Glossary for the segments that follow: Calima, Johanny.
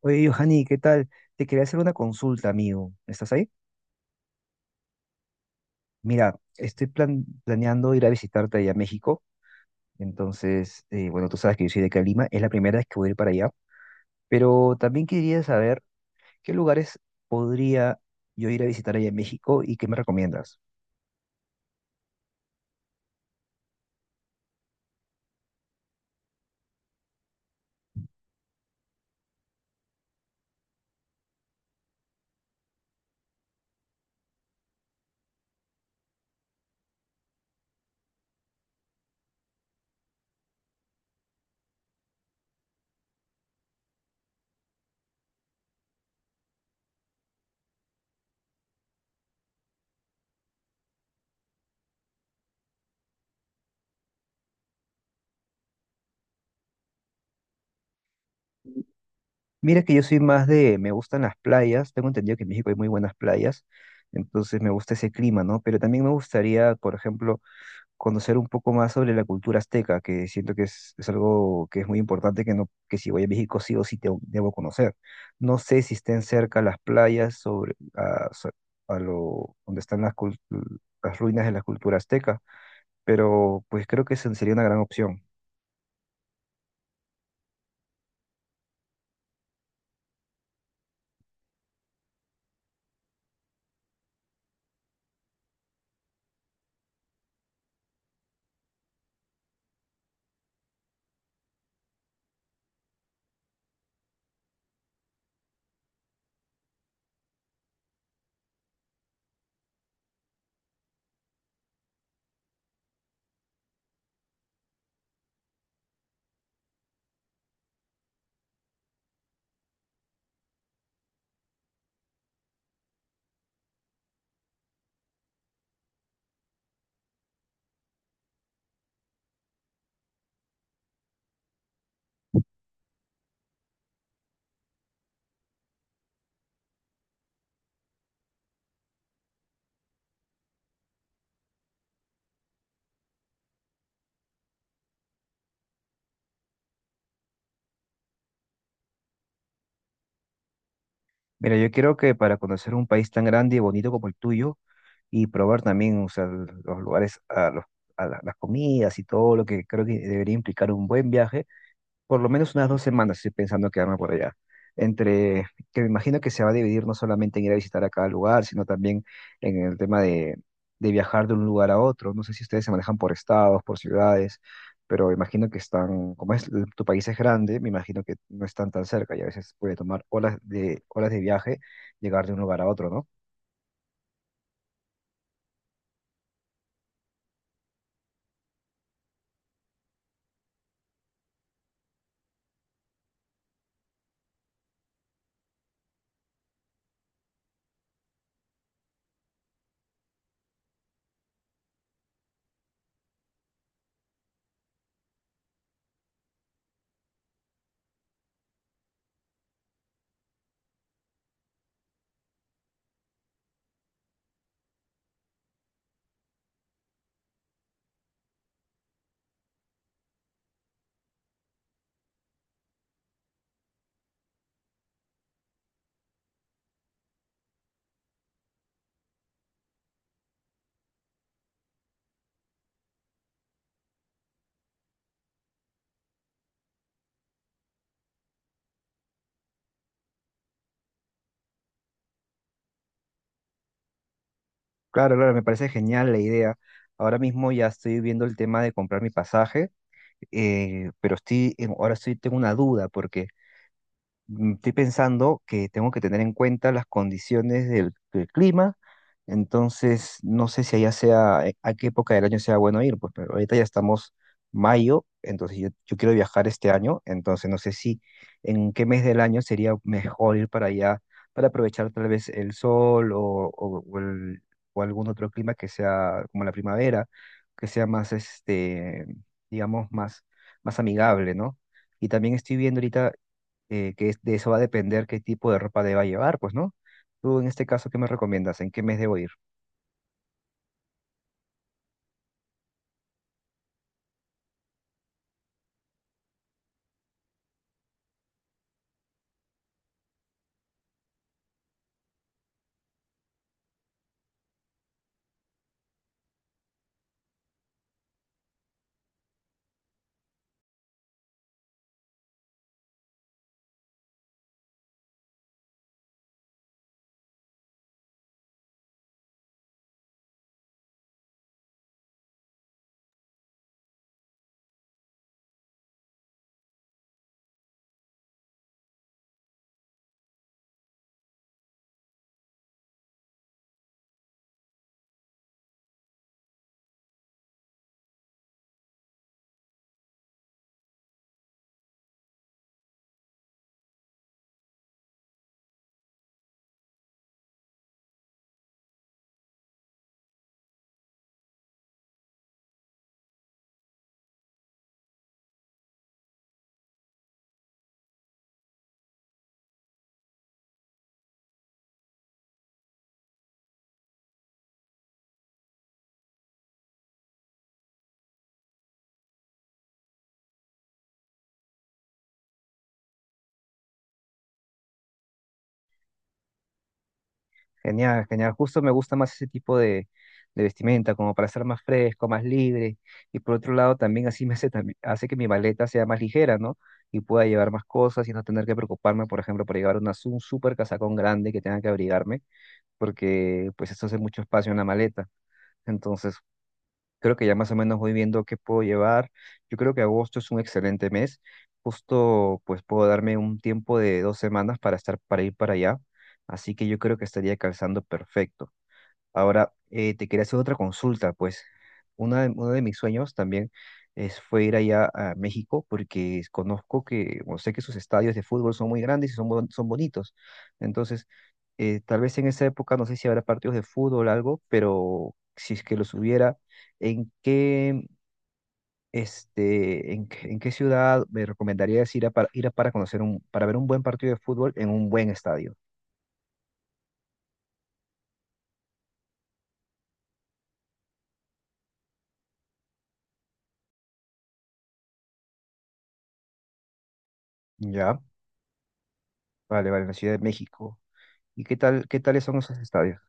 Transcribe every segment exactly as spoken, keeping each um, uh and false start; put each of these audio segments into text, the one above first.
Oye, Johanny, ¿qué tal? Te quería hacer una consulta, amigo. ¿Estás ahí? Mira, estoy plan- planeando ir a visitarte allá a México. Entonces, eh, bueno, tú sabes que yo soy de Calima, es la primera vez que voy a ir para allá. Pero también quería saber qué lugares podría yo ir a visitar allá en México y qué me recomiendas. Mira que yo soy más de, me gustan las playas. Tengo entendido que en México hay muy buenas playas. Entonces me gusta ese clima, ¿no? Pero también me gustaría, por ejemplo, conocer un poco más sobre la cultura azteca, que siento que es, es algo que es muy importante, que, no, que si voy a México sí o sí te- debo conocer. No sé si estén cerca las playas sobre, a, so- a lo, donde están las, cul- las ruinas de la cultura azteca, pero pues creo que esa sería una gran opción. Mira, yo creo que para conocer un país tan grande y bonito como el tuyo y probar también, o sea, los lugares, a los, a la- las comidas y todo lo que creo que debería implicar un buen viaje, por lo menos unas dos semanas estoy pensando quedarme por allá. Entre, que me imagino que se va a dividir no solamente en ir a visitar a cada lugar, sino también en el tema de, de viajar de un lugar a otro. No sé si ustedes se manejan por estados, por ciudades, pero imagino que están, como es, tu país es grande, me imagino que no están tan cerca y a veces puede tomar horas de, horas de viaje llegar de un lugar a otro, ¿no? Claro, claro, me parece genial la idea. Ahora mismo ya estoy viendo el tema de comprar mi pasaje, eh, pero estoy, en- ahora estoy, tengo una duda porque mm, estoy pensando que tengo que tener en cuenta las condiciones del, del clima, entonces no sé si allá sea, eh, a qué época del año sea bueno ir, pues, pero ahorita ya estamos mayo, entonces yo, yo quiero viajar este año, entonces no sé si en qué mes del año sería mejor ir para allá para aprovechar tal vez el sol o, o- o el- o algún otro clima que sea como la primavera, que sea más, este, digamos, más, más amigable, ¿no? Y también estoy viendo ahorita eh, que es- de eso va a depender qué tipo de ropa deba llevar, pues, ¿no? Tú en este caso, ¿qué me recomiendas? ¿En qué mes debo ir? Genial, genial. Justo me gusta más ese tipo de, de vestimenta, como para ser más fresco, más libre. Y por otro lado, también así me hace, tambi- hace que mi maleta sea más ligera, ¿no? Y pueda llevar más cosas y no tener que preocuparme, por ejemplo, por llevar una, un súper casacón grande que tenga que abrigarme, porque pues eso hace mucho espacio en la maleta. Entonces, creo que ya más o menos voy viendo qué puedo llevar. Yo creo que agosto es un excelente mes. Justo pues puedo darme un tiempo de dos semanas para estar, para ir para allá. Así que yo creo que estaría calzando perfecto. Ahora, eh, te quería hacer otra consulta, pues una de, uno de mis sueños también es, fue ir allá a México porque conozco que, o sé que sus estadios de fútbol son muy grandes y son, bon- son bonitos. Entonces, eh, tal vez en esa época, no sé si habrá partidos de fútbol o algo, pero si es que los hubiera, ¿en qué, este, en, qué en qué ciudad me recomendarías ir a, para, ir a para conocer un, para ver un buen partido de fútbol en un buen estadio? Ya, vale, vale, en la Ciudad de México. ¿Y qué tal, qué tales son esos estadios?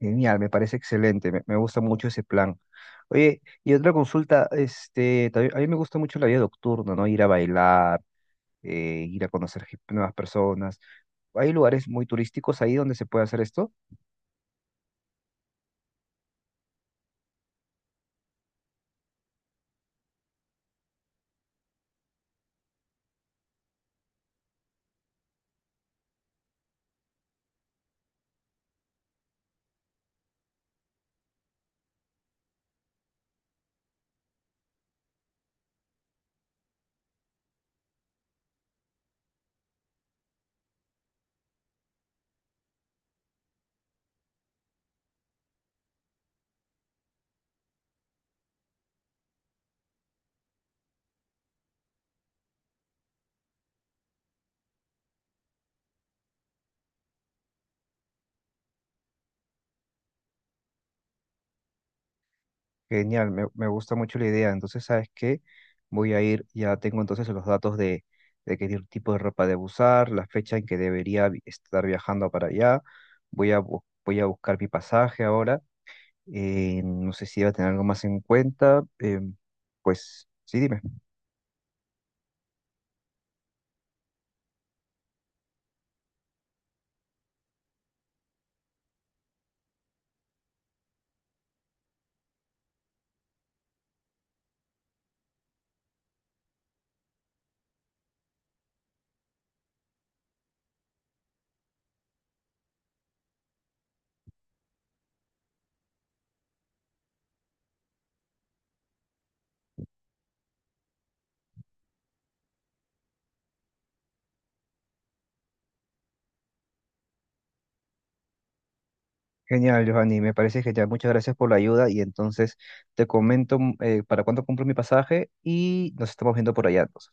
Genial, me parece excelente, me, me gusta mucho ese plan. Oye, y otra consulta, este, también- a mí me gusta mucho la vida nocturna, ¿no? Ir a bailar, eh, ir a conocer gen- nuevas personas. Hay lugares muy turísticos ahí donde se puede hacer esto. Genial, me, me gusta mucho la idea. Entonces, ¿sabes qué? Voy a ir, ya tengo entonces los datos de, de qué di- tipo de ropa debo usar, la fecha en que debería vi- estar viajando para allá. Voy a, bu- voy a buscar mi pasaje ahora. Eh, no sé si iba a tener algo más en cuenta. Eh, pues sí, dime. Genial, Giovanni, me parece genial. Muchas gracias por la ayuda y entonces te comento mm, eh, para cuándo compro mi pasaje y nos estamos viendo por allá entonces.